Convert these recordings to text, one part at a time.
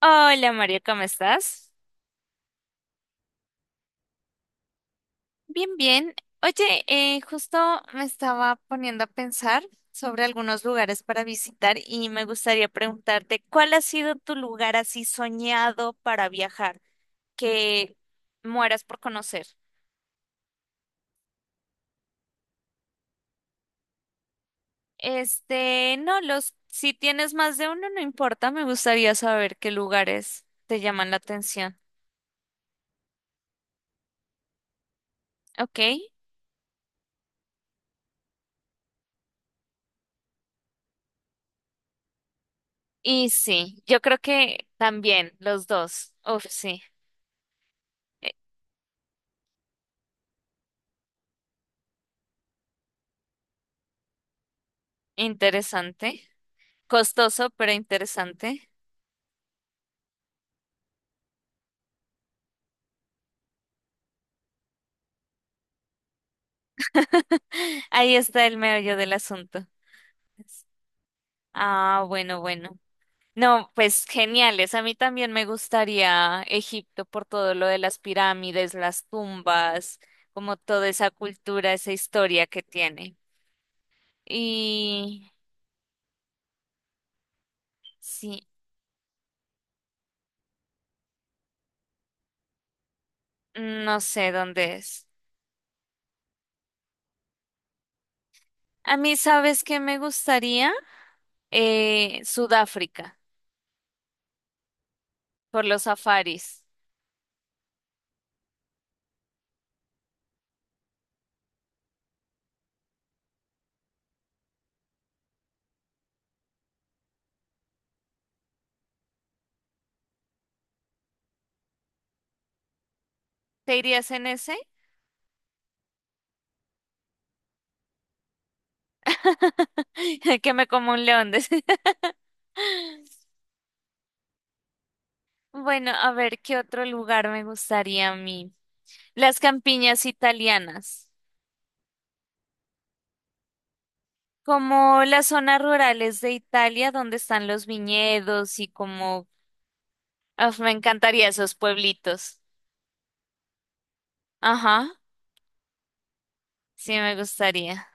Hola, María, ¿cómo estás? Bien, bien. Oye, justo me estaba poniendo a pensar sobre algunos lugares para visitar y me gustaría preguntarte, ¿cuál ha sido tu lugar así soñado para viajar que mueras por conocer? No, los, si tienes más de uno, no importa, me gustaría saber qué lugares te llaman la atención. Ok. Y sí, yo creo que también los dos. Uf, sí. Eh, Interesante. Costoso, pero interesante. Ahí está el meollo del asunto. Ah, bueno, bueno. No, pues geniales. A mí también me gustaría Egipto por todo lo de las pirámides, las tumbas, como toda esa cultura, esa historia que tiene. Y sí, no sé dónde es. A mí, ¿sabes qué me gustaría? Sudáfrica, por los safaris. ¿Te irías en ese? Que me como un león, decía. Bueno, a ver, ¿qué otro lugar me gustaría a mí? Las campiñas italianas, como las zonas rurales de Italia donde están los viñedos y como... Uf, me encantaría esos pueblitos. Ajá, sí me gustaría.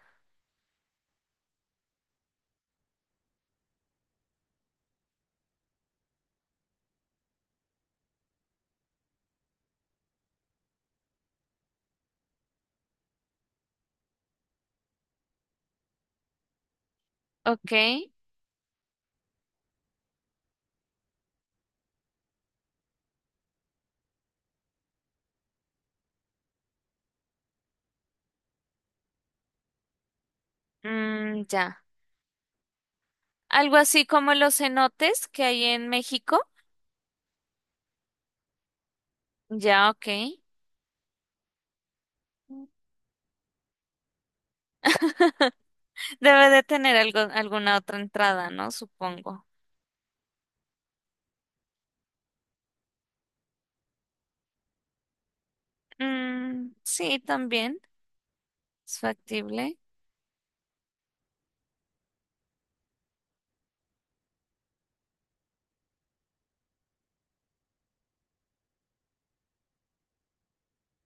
Ok, mm, ya. Algo así como los cenotes que hay en México. Ya, ok. Debe de tener algo, alguna otra entrada, ¿no? Supongo. Mm, sí, también es factible.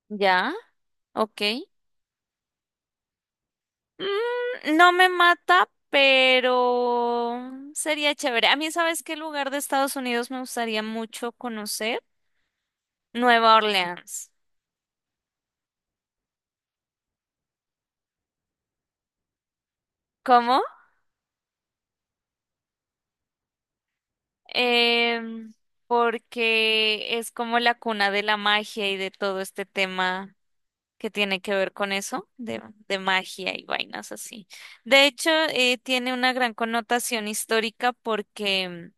Ya, ok. Mm, no me mata, pero sería chévere. A mí, ¿sabes qué lugar de Estados Unidos me gustaría mucho conocer? Nueva Orleans. ¿Cómo? Em, Porque es como la cuna de la magia y de todo este tema que tiene que ver con eso, de magia y vainas así. De hecho, tiene una gran connotación histórica porque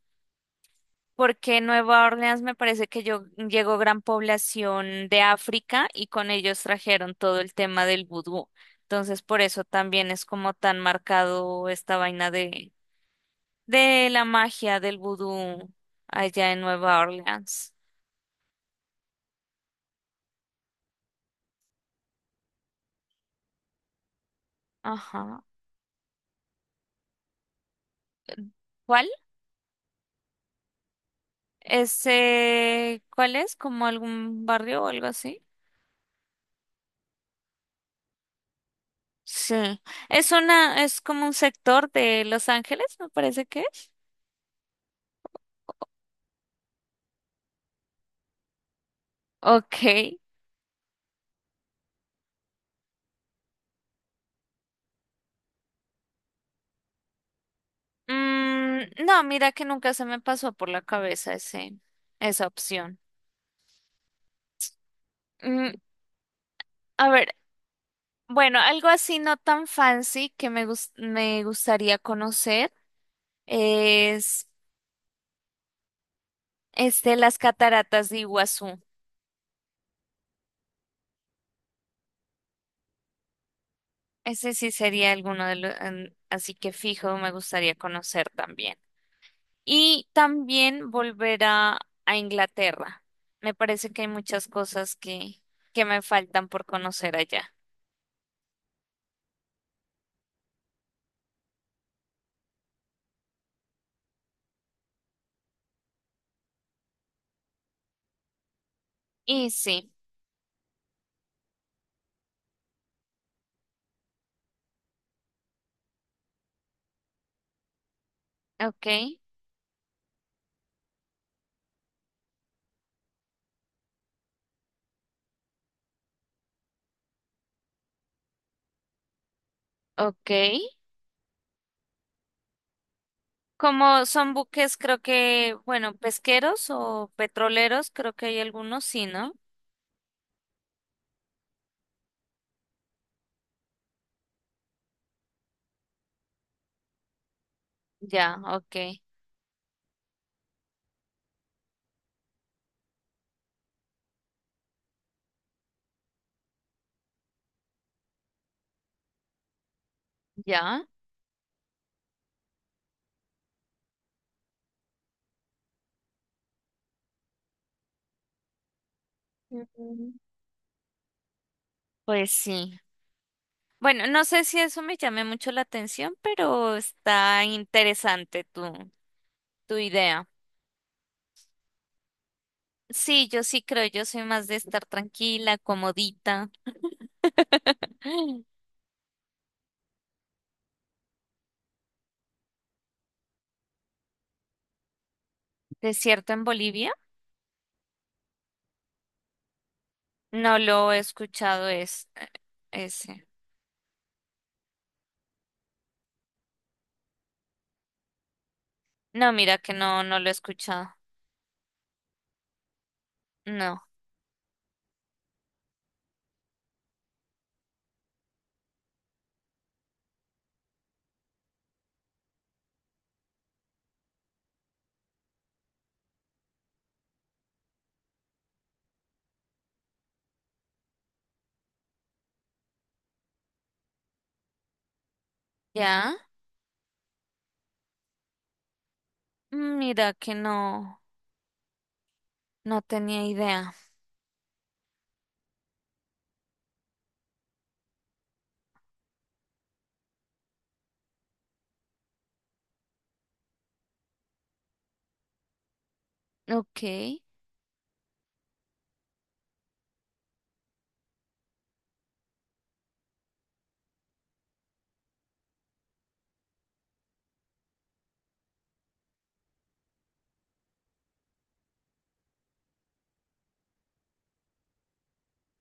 porque Nueva Orleans, me parece que yo, llegó gran población de África y con ellos trajeron todo el tema del vudú. Entonces, por eso también es como tan marcado esta vaina de la magia del vudú allá en Nueva Orleans. Ajá. ¿Cuál? Ese, ¿cuál es? ¿Como algún barrio o algo así? Sí. Es una, es como un sector de Los Ángeles, me parece que es. Ok. Mm, no, mira que nunca se me pasó por la cabeza ese, esa opción. Mm, a ver, bueno, algo así no tan fancy que me gustaría conocer es las cataratas de Iguazú. Ese sí sería alguno de los, así que fijo, me gustaría conocer también. Y también volver a Inglaterra. Me parece que hay muchas cosas que me faltan por conocer allá. Y sí, ok. Ok. Como son buques, creo que, bueno, pesqueros o petroleros, creo que hay algunos, sí, ¿no? Ya, ok, ya. Mm. Pues sí. Bueno, no sé si eso me llame mucho la atención, pero está interesante tu, tu idea. Sí, yo sí creo, yo soy más de estar tranquila, comodita. ¿Desierto en Bolivia? No lo he escuchado es, ese. No, mira que no, no lo he escuchado. No. ¿Ya? Mm, mira que no, no tenía idea. Ok,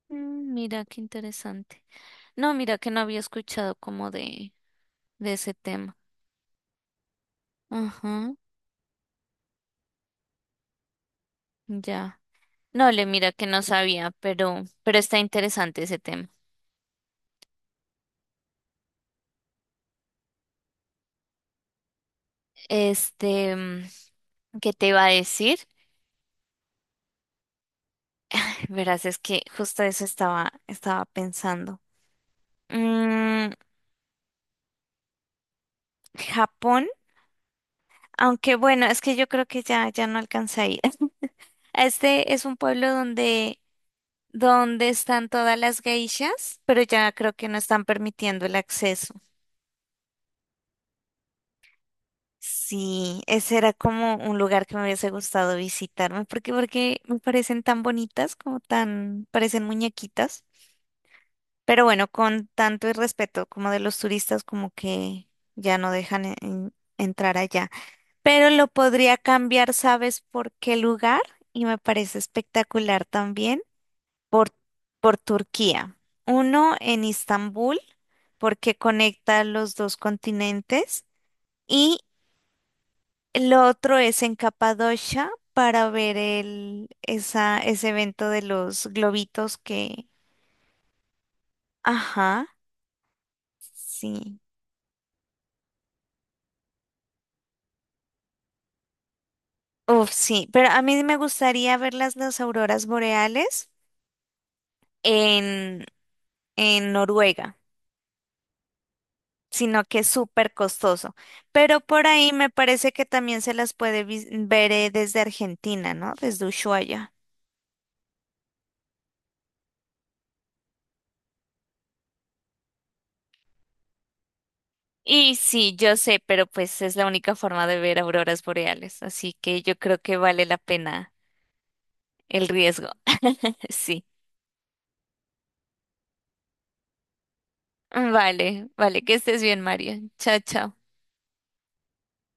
mm, mira qué interesante. No, mira que no había escuchado como de ese tema. Ajá, ya. No, le mira que no sabía, pero está interesante ese tema. Mm, ¿qué te iba a decir? Verás, es que justo eso estaba, estaba pensando. Mm, Japón, aunque bueno, es que yo creo que ya, ya no alcanza a ir. Este es un pueblo donde donde están todas las geishas, pero ya creo que no están permitiendo el acceso. Sí, ese era como un lugar que me hubiese gustado visitarme, porque porque me parecen tan bonitas, como tan, parecen muñequitas, pero bueno, con tanto irrespeto como de los turistas, como que ya no dejan entrar allá. Pero lo podría cambiar, ¿sabes por qué lugar? Y me parece espectacular también. por, por Turquía, uno en Istambul, porque conecta los dos continentes, y el otro es en Capadocia para ver el, esa, ese evento de los globitos que... Ajá, sí. Uf, sí, pero a mí me gustaría ver las auroras boreales en, en Noruega, sino que es súper costoso. Pero por ahí me parece que también se las puede ver, desde Argentina, ¿no? Desde Ushuaia. Y sí, yo sé, pero pues es la única forma de ver auroras boreales, así que yo creo que vale la pena el riesgo. Sí. Vale, vale, que estés bien, María. Chao, chao.